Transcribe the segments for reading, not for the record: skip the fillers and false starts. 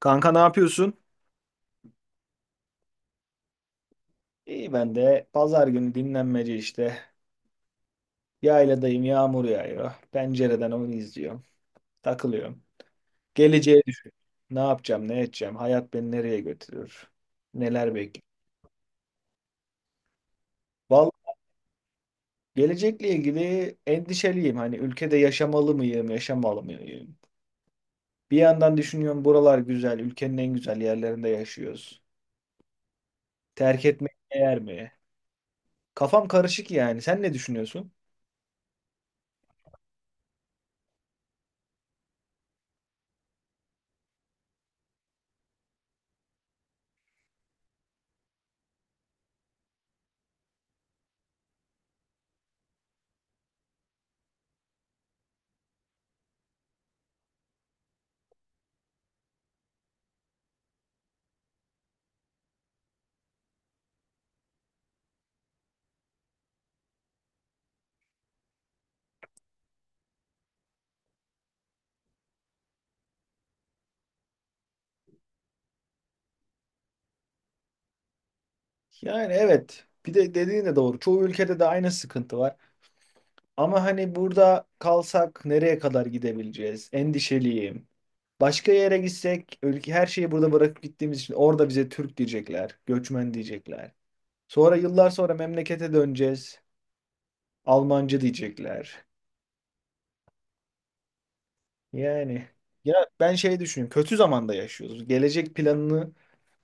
Kanka ne yapıyorsun? İyi ben de pazar günü dinlenmece işte. Yayladayım yağmur yağıyor. Pencereden onu izliyorum. Takılıyorum. Geleceği düşün. Ne yapacağım ne edeceğim? Hayat beni nereye götürür? Neler bekliyor? Vallahi gelecekle ilgili endişeliyim. Hani ülkede yaşamalı mıyım yaşamalı mıyım? Bir yandan düşünüyorum buralar güzel. Ülkenin en güzel yerlerinde yaşıyoruz. Terk etmek değer mi? Kafam karışık yani. Sen ne düşünüyorsun? Yani evet. Bir de dediğin de doğru. Çoğu ülkede de aynı sıkıntı var. Ama hani burada kalsak nereye kadar gidebileceğiz? Endişeliyim. Başka yere gitsek ülke her şeyi burada bırakıp gittiğimiz için orada bize Türk diyecekler, göçmen diyecekler. Sonra yıllar sonra memlekete döneceğiz. Almancı diyecekler. Yani ya ben şey düşünüyorum. Kötü zamanda yaşıyoruz. Gelecek planını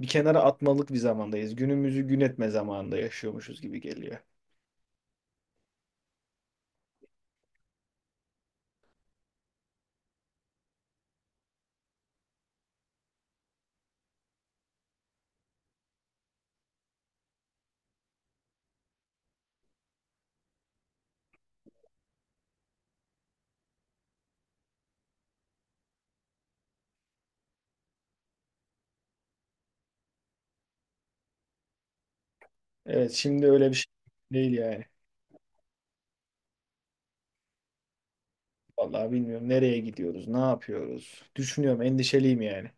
bir kenara atmalık bir zamandayız. Günümüzü gün etme zamanında yaşıyormuşuz gibi geliyor. Evet, şimdi öyle bir şey değil yani. Vallahi bilmiyorum nereye gidiyoruz, ne yapıyoruz. Düşünüyorum, endişeliyim yani.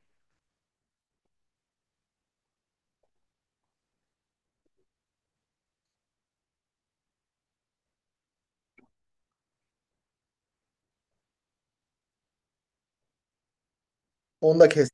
Onu da kes-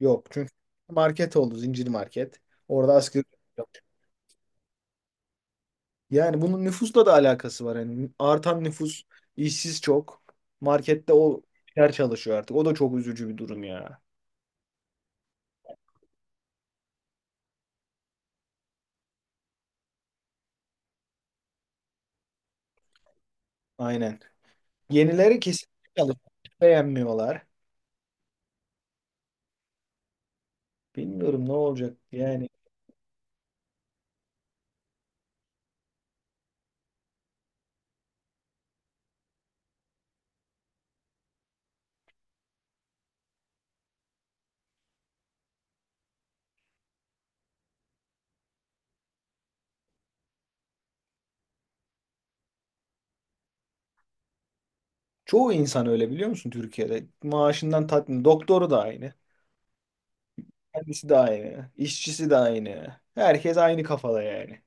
Yok çünkü market oldu zincir market. Orada asgari ücret yok. Yani bunun nüfusla da alakası var. Yani artan nüfus, işsiz çok. Markette o yer çalışıyor artık. O da çok üzücü bir durum ya. Aynen. Yenileri kesinlikle çalışıyor. Beğenmiyorlar. Bilmiyorum ne olacak yani. Çoğu insan öyle biliyor musun Türkiye'de? Maaşından tatmin. Doktoru da aynı. Kendisi de aynı. İşçisi de aynı. Herkes aynı kafada yani.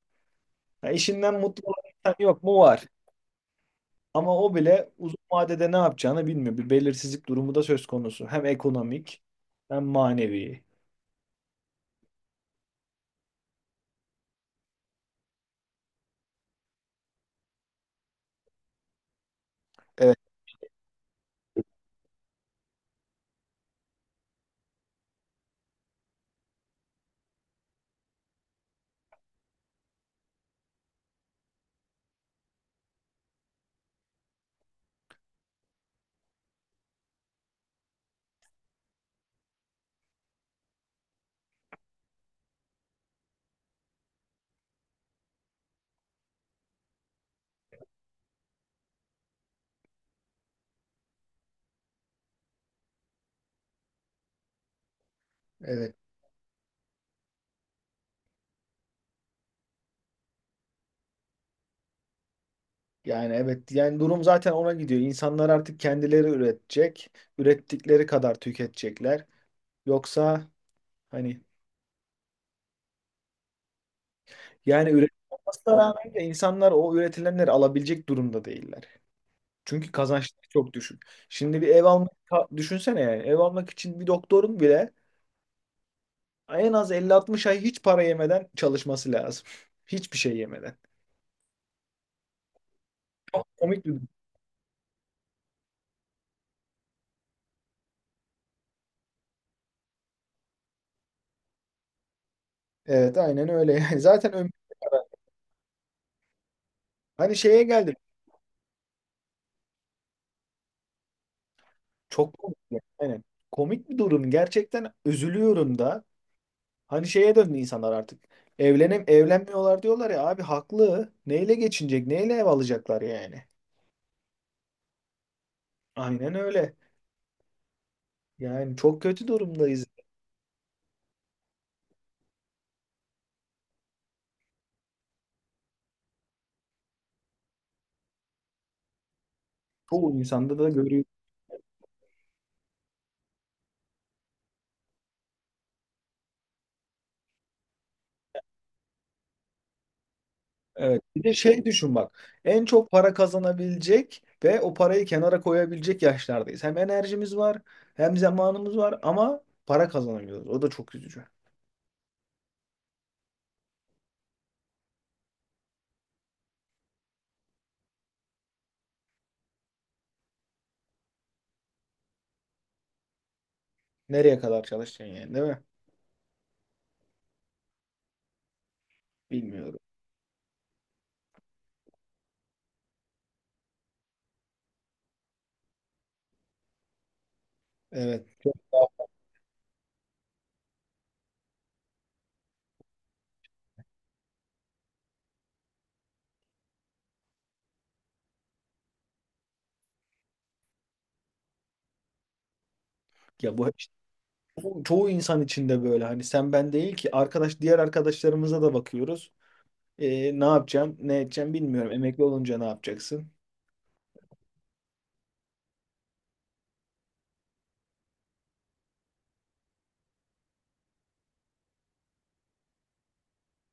Ya işinden mutlu olan insan yok mu? Var. Ama o bile uzun vadede ne yapacağını bilmiyor. Bir belirsizlik durumu da söz konusu. Hem ekonomik hem manevi. Evet, evet. Yani evet. Yani durum zaten ona gidiyor. İnsanlar artık kendileri üretecek. Ürettikleri kadar tüketecekler. Yoksa hani yani üretim olmasına rağmen de insanlar o üretilenleri alabilecek durumda değiller. Çünkü kazançları çok düşük. Şimdi bir ev almak düşünsene yani. Ev almak için bir doktorun bile en az 50-60 ay hiç para yemeden çalışması lazım. Hiçbir şey yemeden. Çok komik bir durum. Evet aynen öyle yani. Zaten ömür. Hani şeye geldim. Çok komik. Yani. Aynen. Komik bir durum. Gerçekten üzülüyorum da. Hani şeye döndü insanlar artık. Evlenmiyorlar diyorlar ya abi haklı. Neyle geçinecek? Neyle ev alacaklar yani? Aynen öyle. Yani çok kötü durumdayız. Çoğu insanda da görüyoruz. Evet. Bir de şey düşün bak. En çok para kazanabilecek ve o parayı kenara koyabilecek yaşlardayız. Hem enerjimiz var, hem zamanımız var ama para kazanamıyoruz. O da çok üzücü. Nereye kadar çalışacaksın yani, değil mi? Bilmiyorum. Evet. Ya bu işte çoğu insan içinde böyle. Hani sen ben değil ki arkadaş diğer arkadaşlarımıza da bakıyoruz. Ne yapacağım, ne edeceğim bilmiyorum. Emekli olunca ne yapacaksın?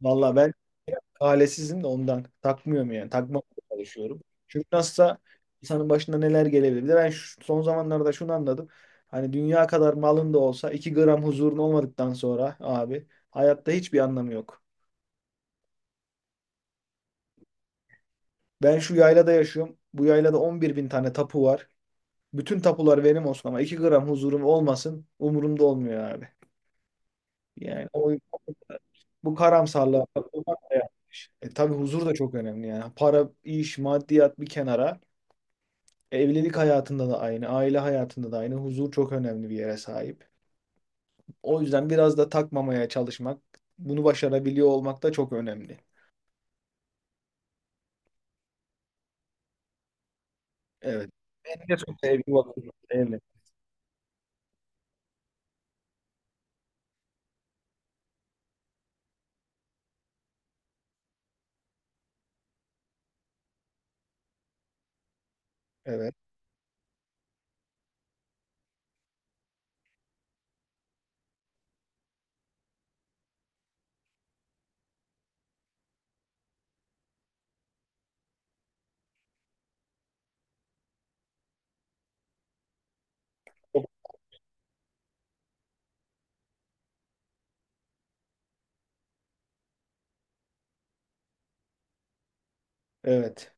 Valla ben ailesizim de ondan. Takmıyorum yani. Takmamaya çalışıyorum. Çünkü nasılsa insanın başına neler gelebilir. Bir de ben son zamanlarda şunu anladım. Hani dünya kadar malın da olsa 2 gram huzurun olmadıktan sonra abi hayatta hiçbir anlamı yok. Ben şu yaylada yaşıyorum. Bu yaylada 11.000 tane tapu var. Bütün tapular benim olsun ama 2 gram huzurum olmasın umurumda olmuyor abi. Yani o, bu karamsarlığa kapılmak da yanlış. E tabii huzur da çok önemli yani. Para, iş, maddiyat bir kenara. Evlilik hayatında da aynı, aile hayatında da aynı. Huzur çok önemli bir yere sahip. O yüzden biraz da takmamaya çalışmak, bunu başarabiliyor olmak da çok önemli. Evet. Benim de çok sevdiğim vakıf. Evet. Evet. Çok-. Evet.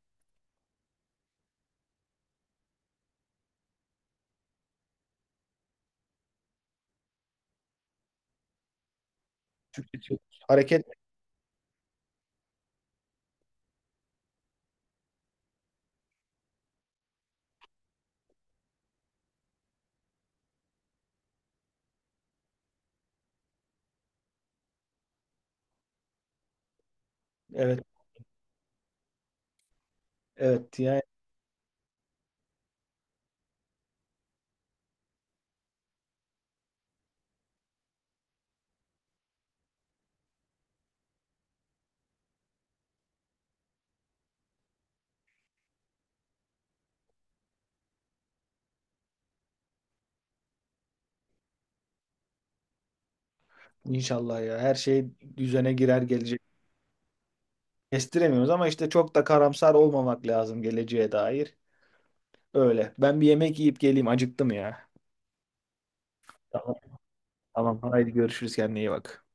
Tüketiyoruz. Hareket. Evet. Evet. Yani inşallah ya. Her şey düzene girer gelecek. Kestiremiyoruz ama işte çok da karamsar olmamak lazım geleceğe dair. Öyle. Ben bir yemek yiyip geleyim. Acıktım ya. Tamam. Tamam. Haydi görüşürüz. Kendine iyi bak.